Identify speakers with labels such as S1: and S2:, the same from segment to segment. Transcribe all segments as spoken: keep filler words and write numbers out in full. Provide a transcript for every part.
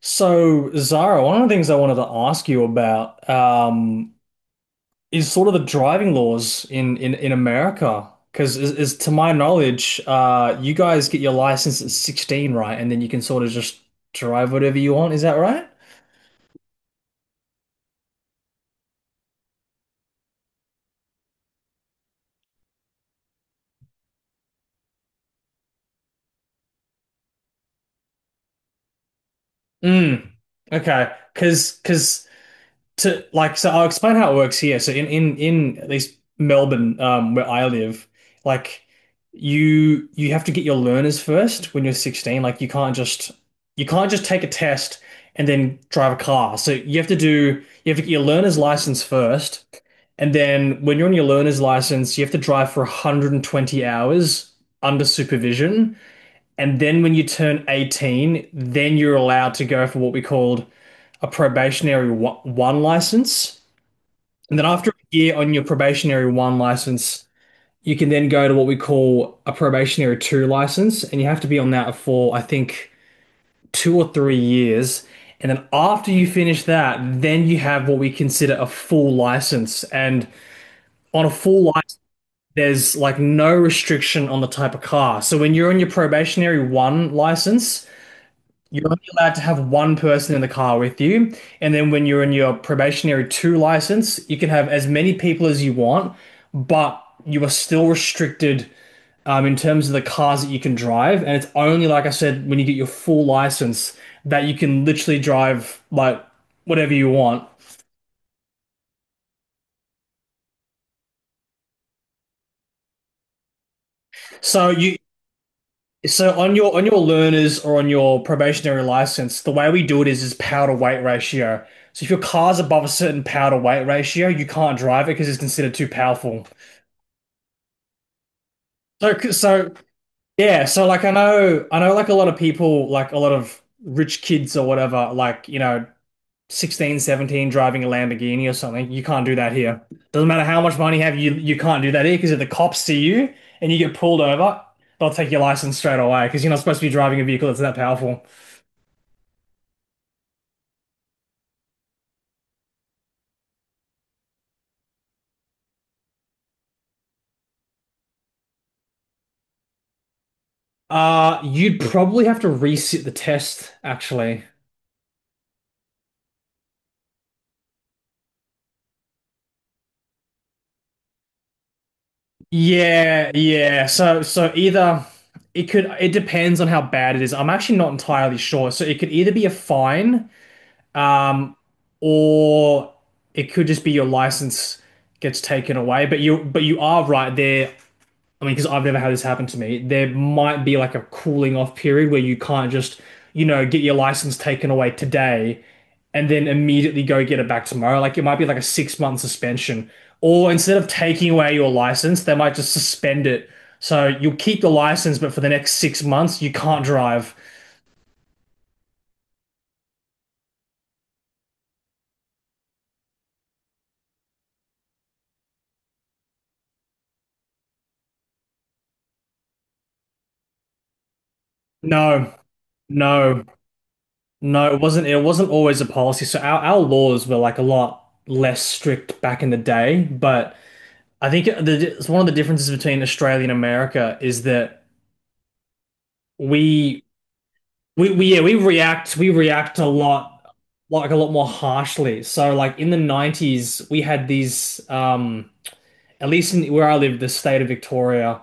S1: So, Zara, one of the things I wanted to ask you about um, is sort of the driving laws in in, in America. Because, is, is to my knowledge, uh, you guys get your license at sixteen, right? And then you can sort of just drive whatever you want. Is that right? Mm. Okay. Because because to like so I'll explain how it works here. So in in in at least Melbourne, um, where I live, like you you have to get your learners first when you're sixteen. Like you can't just you can't just take a test and then drive a car. So you have to do you have to get your learner's license first, and then when you're on your learner's license, you have to drive for one hundred twenty hours under supervision. And then when you turn eighteen, then you're allowed to go for what we called a probationary one, license. And then after a year on your probationary one license, you can then go to what we call a probationary two license. And you have to be on that for, I think, two or three years. And then after you finish that, then you have what we consider a full license. And on a full license, there's like no restriction on the type of car. So when you're on your probationary one license, you're only allowed to have one person in the car with you, and then when you're in your probationary two license, you can have as many people as you want, but you are still restricted um, in terms of the cars that you can drive. And it's only, like I said, when you get your full license that you can literally drive like whatever you want. So you So on your on your learners or on your probationary license, the way we do it is is power to weight ratio. So if your car's above a certain power to weight ratio, you can't drive it because it's considered too powerful. So so yeah, so like I know I know like a lot of people like a lot of rich kids or whatever, like you know sixteen seventeen driving a Lamborghini or something. You can't do that here. Doesn't matter how much money you have, you you can't do that here because if the cops see you and you get pulled over, they'll take your license straight away because you're not supposed to be driving a vehicle that's that powerful. Uh, you'd probably have to reset the test, actually. Yeah, yeah. So so either it could it depends on how bad it is. I'm actually not entirely sure. So it could either be a fine, um, or it could just be your license gets taken away. But you but you are right there. I mean, because I've never had this happen to me. There might be like a cooling off period where you can't just, you know, get your license taken away today and then immediately go get it back tomorrow. Like it might be like a six month suspension. Or instead of taking away your license, they might just suspend it. So you'll keep the license, but for the next six months, you can't drive. No, no, no, it wasn't it wasn't always a policy. So our, our laws were like a lot less strict back in the day, but I think the, it's one of the differences between Australia and America is that we, we, we, yeah, we react, we react a lot, like a lot more harshly. So, like in the nineties, we had these, um, at least in, where I lived, the state of Victoria,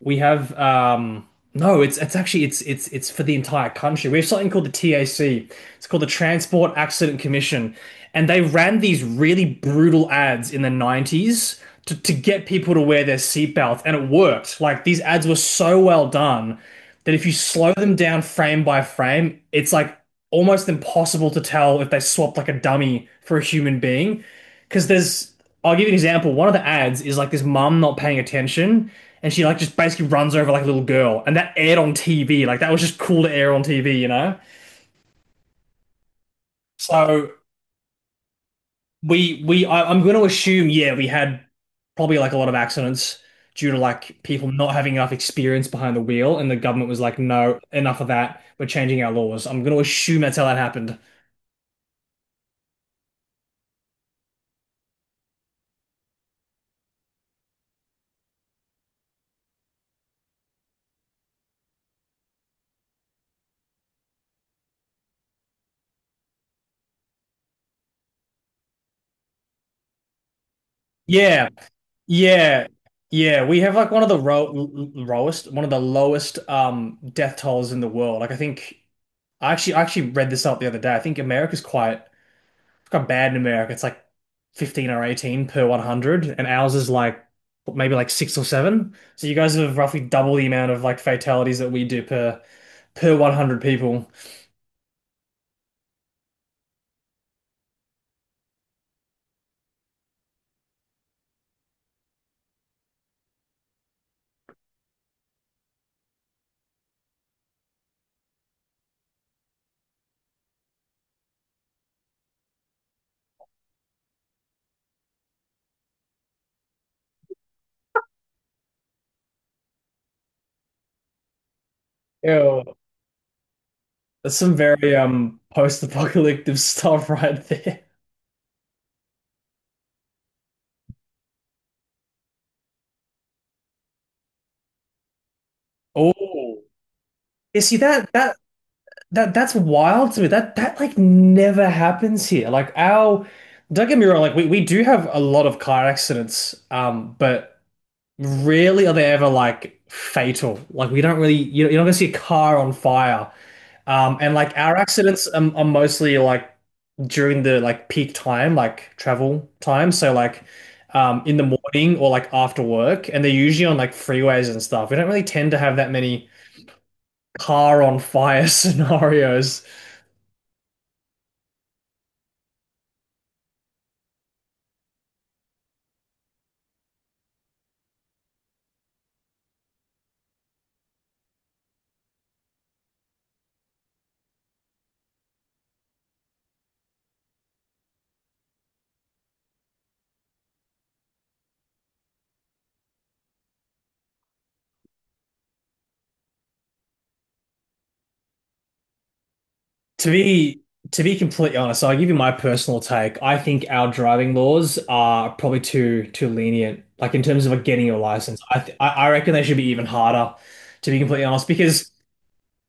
S1: we have um no, it's it's actually it's it's it's for the entire country. We have something called the T A C. It's called the Transport Accident Commission, and they ran these really brutal ads in the nineties to to get people to wear their seatbelts, and it worked. Like these ads were so well done that if you slow them down frame by frame, it's like almost impossible to tell if they swapped like a dummy for a human being. Because there's, I'll give you an example. One of the ads is like this mum not paying attention, and she like just basically runs over like a little girl, and that aired on T V. Like that was just cool to air on T V, you know. So we we I, I'm going to assume yeah we had probably like a lot of accidents due to like people not having enough experience behind the wheel, and the government was like no enough of that. We're changing our laws. I'm going to assume that's how that happened. Yeah, yeah, yeah. We have like one of the ro- lowest one of the lowest um death tolls in the world. Like I think I actually I actually read this up the other day. I think America's quite got bad in America. It's like fifteen or eighteen per one hundred, and ours is like maybe like six or seven. So you guys have roughly double the amount of like fatalities that we do per per one hundred people. Ew. That's some very um post-apocalyptic stuff right there. Oh. You see that that that that's wild to me. That that like never happens here. Like our, don't get me wrong, like we, we do have a lot of car accidents, um, but rarely are they ever like fatal. Like we don't really, you- are not gonna see a car on fire. Um, and like our accidents are, are mostly like during the like peak time, like travel time. So like um, in the morning or like after work, and they're usually on like freeways and stuff. We don't really tend to have that many car on fire scenarios. To be to be completely honest, I'll give you my personal take. I think our driving laws are probably too too lenient, like in terms of like getting your license. I th I I reckon they should be even harder, to be completely honest, because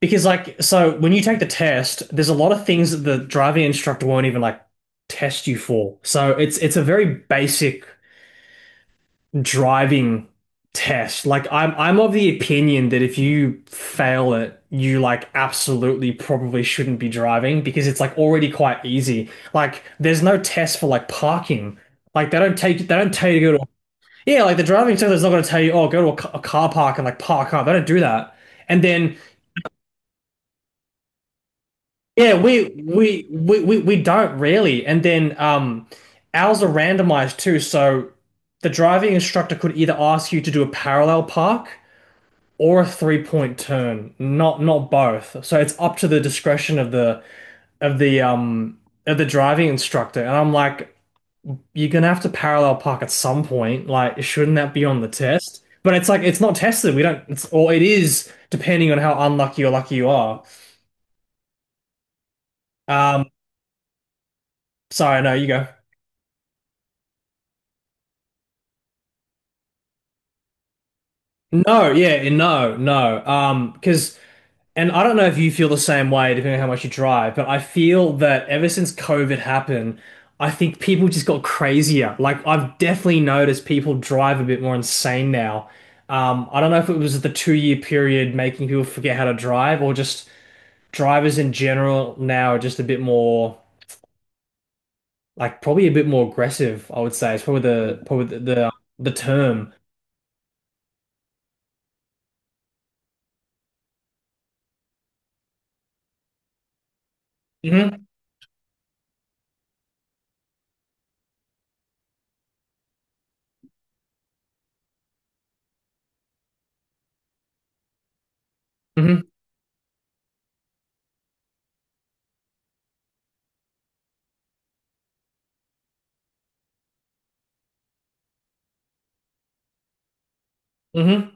S1: because like so when you take the test, there's a lot of things that the driving instructor won't even like test you for. So it's it's a very basic driving test. Like I'm I'm of the opinion that if you fail it, you like absolutely probably shouldn't be driving because it's like already quite easy. Like there's no test for like parking. Like they don't take they don't tell you to go to, yeah, like the driving test is not going to tell you, oh, go to a, ca- a car park and like park up. They don't do that. And then yeah, we we we we, we don't really. And then um ours are randomized too, so the driving instructor could either ask you to do a parallel park or a three point turn, not not both. So it's up to the discretion of the of the um of the driving instructor. And I'm like, you're gonna have to parallel park at some point. Like, shouldn't that be on the test? But it's like it's not tested. We don't. It's or it is depending on how unlucky or lucky you are. Um, Sorry, no, you go. No, yeah, no, no. Um, because And I don't know if you feel the same way, depending on how much you drive, but I feel that ever since COVID happened, I think people just got crazier. Like, I've definitely noticed people drive a bit more insane now. Um, I don't know if it was the two year period making people forget how to drive, or just drivers in general now are just a bit more, like, probably a bit more aggressive, I would say. It's probably the probably the the, um, the term. Hmm. Hmm. Hmm.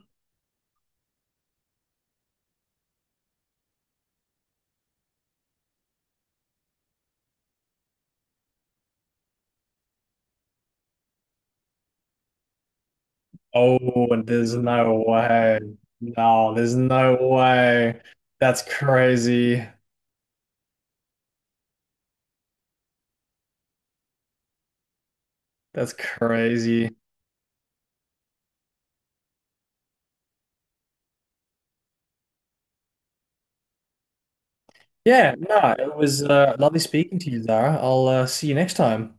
S1: Oh, there's no way. No, there's no way. That's crazy. That's crazy. Yeah, no, it was uh, lovely speaking to you, Zara. I'll uh, see you next time.